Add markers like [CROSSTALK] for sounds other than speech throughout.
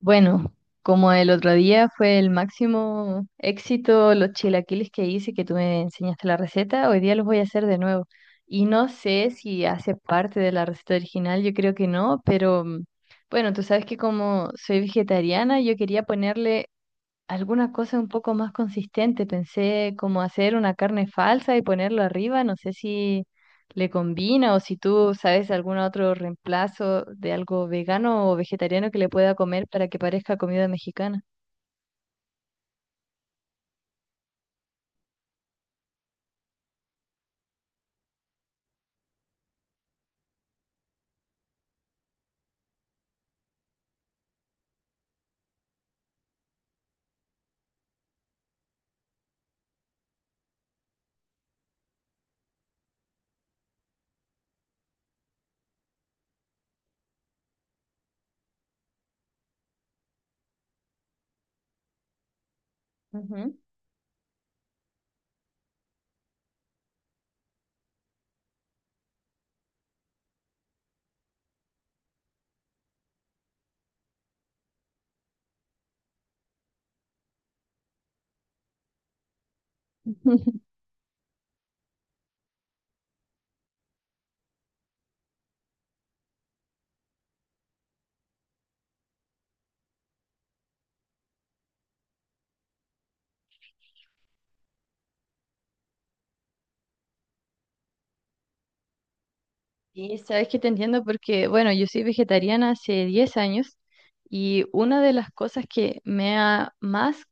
Bueno, como el otro día fue el máximo éxito los chilaquiles que hice, que tú me enseñaste la receta, hoy día los voy a hacer de nuevo. Y no sé si hace parte de la receta original, yo creo que no, pero bueno, tú sabes que como soy vegetariana, yo quería ponerle alguna cosa un poco más consistente. Pensé como hacer una carne falsa y ponerlo arriba. No sé si le combina o si tú sabes algún otro reemplazo de algo vegano o vegetariano que le pueda comer para que parezca comida mexicana. Ujú. [LAUGHS] Y sabes que te entiendo porque, bueno, yo soy vegetariana hace 10 años y una de las cosas que me ha más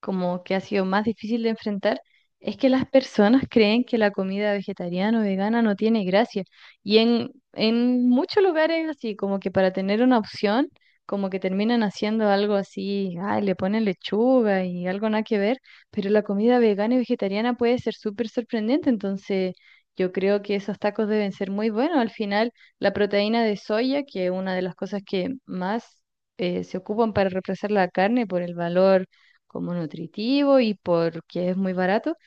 como que ha sido más difícil de enfrentar, es que las personas creen que la comida vegetariana o vegana no tiene gracia. Y en muchos lugares así, como que para tener una opción, como que terminan haciendo algo así, ay, le ponen lechuga y algo nada que ver, pero la comida vegana y vegetariana puede ser súper sorprendente, entonces... Yo creo que esos tacos deben ser muy buenos. Al final, la proteína de soya, que es una de las cosas que más se ocupan para reemplazar la carne por el valor como nutritivo y porque es muy barato.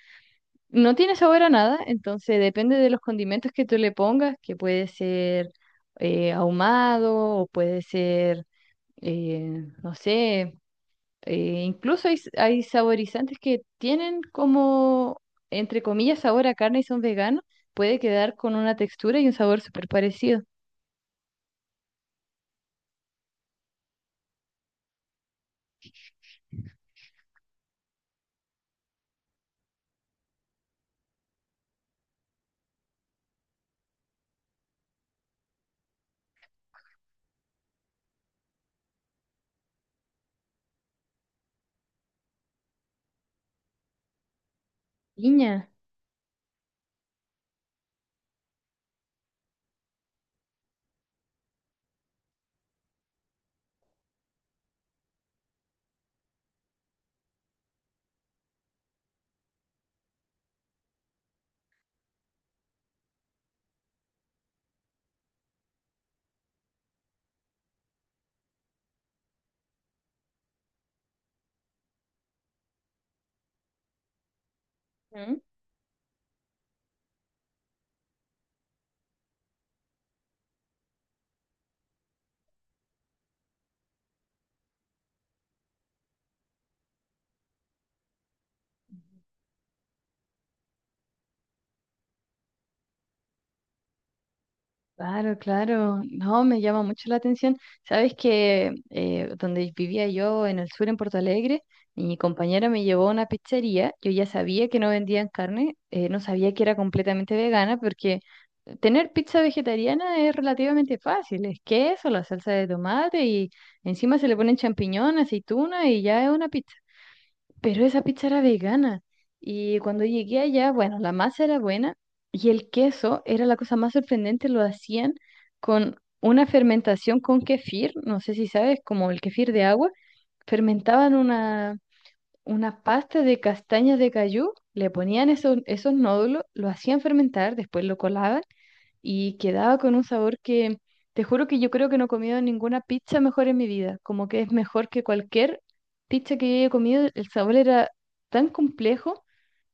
No tiene sabor a nada, entonces depende de los condimentos que tú le pongas, que puede ser ahumado o puede ser, no sé, incluso hay saborizantes que tienen como, entre comillas, sabor a carne y son veganos, puede quedar con una textura y un sabor súper parecido. Piña. Claro, claro. No, me llama mucho la atención. Sabes que donde vivía yo en el sur, en Porto Alegre, mi compañera me llevó a una pizzería. Yo ya sabía que no vendían carne, no sabía que era completamente vegana, porque tener pizza vegetariana es relativamente fácil. Es queso, la salsa de tomate y encima se le ponen champiñón, aceituna y ya es una pizza. Pero esa pizza era vegana. Y cuando llegué allá, bueno, la masa era buena y el queso era la cosa más sorprendente, lo hacían con una fermentación con kefir, no sé si sabes, como el kefir de agua, fermentaban una pasta de castañas de cayú, le ponían esos, esos nódulos, lo hacían fermentar, después lo colaban y quedaba con un sabor que te juro que yo creo que no he comido ninguna pizza mejor en mi vida, como que es mejor que cualquier pizza que yo haya comido, el sabor era tan complejo,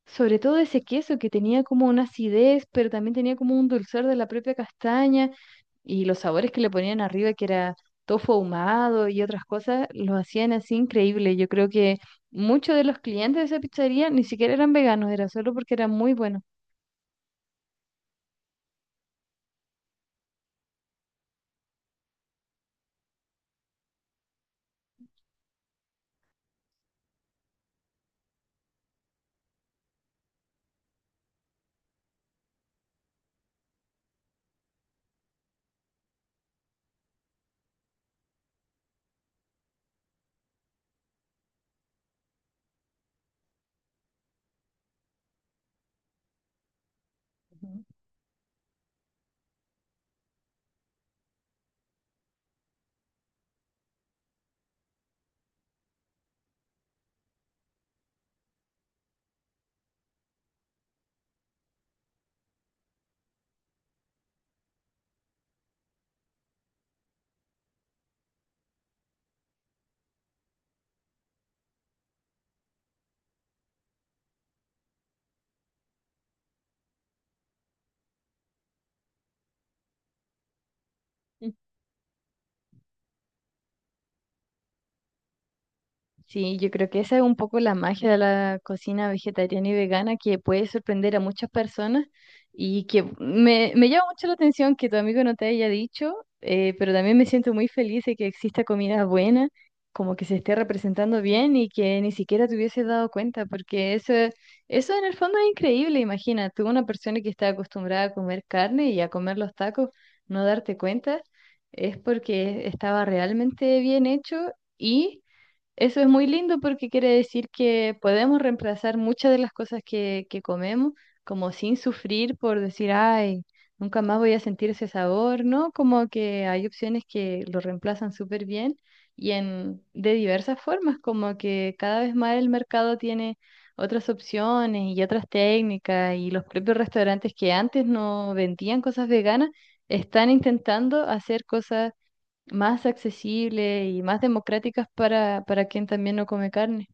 sobre todo ese queso que tenía como una acidez, pero también tenía como un dulzor de la propia castaña y los sabores que le ponían arriba que era tofu ahumado y otras cosas, lo hacían así increíble. Yo creo que muchos de los clientes de esa pizzería ni siquiera eran veganos, era solo porque era muy bueno. Ujú. Sí, yo creo que esa es un poco la magia de la cocina vegetariana y vegana que puede sorprender a muchas personas y que me llama mucho la atención que tu amigo no te haya dicho, pero también me siento muy feliz de que exista comida buena, como que se esté representando bien y que ni siquiera te hubieses dado cuenta, porque eso en el fondo es increíble, imagina, tú una persona que está acostumbrada a comer carne y a comer los tacos, no darte cuenta, es porque estaba realmente bien hecho y... Eso es muy lindo porque quiere decir que podemos reemplazar muchas de las cosas que comemos, como sin sufrir por decir, ay, nunca más voy a sentir ese sabor, ¿no? Como que hay opciones que lo reemplazan súper bien y de diversas formas, como que cada vez más el mercado tiene otras opciones y otras técnicas y los propios restaurantes que antes no vendían cosas veganas están intentando hacer cosas más accesibles y más democráticas para quien también no come carne.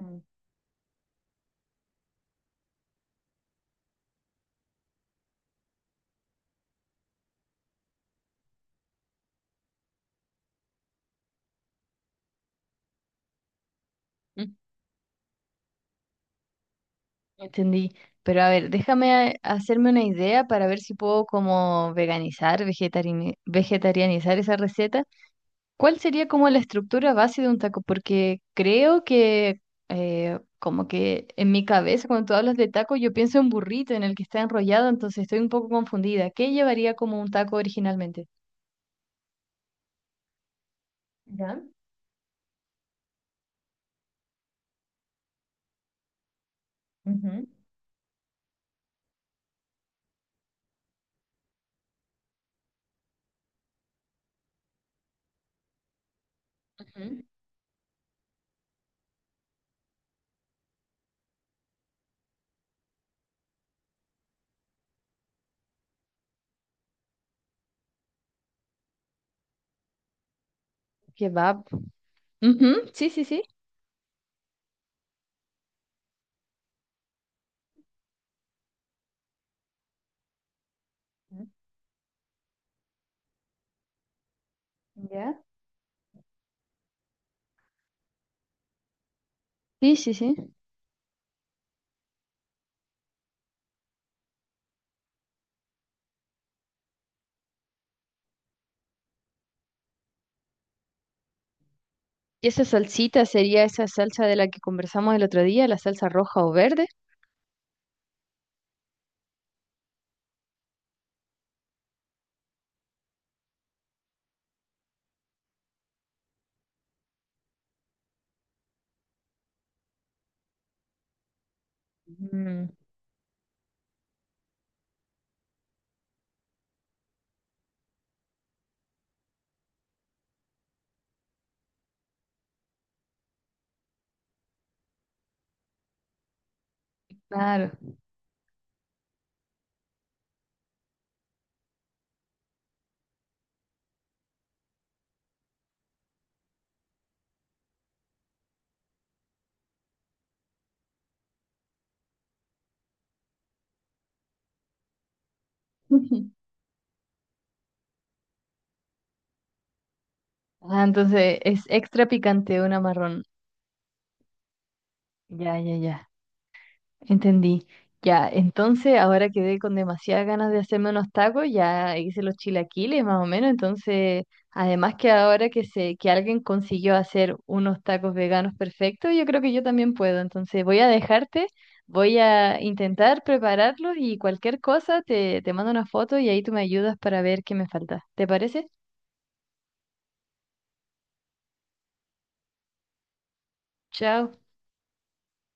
Mm. Mm. Entendí. Pero a ver, déjame hacerme una idea para ver si puedo como veganizar, vegetarianizar esa receta. ¿Cuál sería como la estructura base de un taco? Porque creo que como que en mi cabeza cuando tú hablas de taco yo pienso en burrito en el que está enrollado, entonces estoy un poco confundida. ¿Qué llevaría como un taco originalmente? Ya. Ujú. Ujú. Kebab, ujú, sí, sí, sí. ¿Ya? Sí, sí, sí. ¿Y esa salsita sería esa salsa de la que conversamos el otro día, la salsa roja o verde? Mm, claro. [LAUGHS] Ah, entonces es extra picante una marrón. Ya, ya, ya. Entendí. Ya, entonces ahora quedé con demasiadas ganas de hacerme unos tacos, ya hice los chilaquiles más o menos, entonces además que ahora que sé que alguien consiguió hacer unos tacos veganos perfectos, yo creo que yo también puedo, entonces voy a dejarte, voy a intentar prepararlos y cualquier cosa te mando una foto y ahí tú me ayudas para ver qué me falta. ¿Te parece? Chao.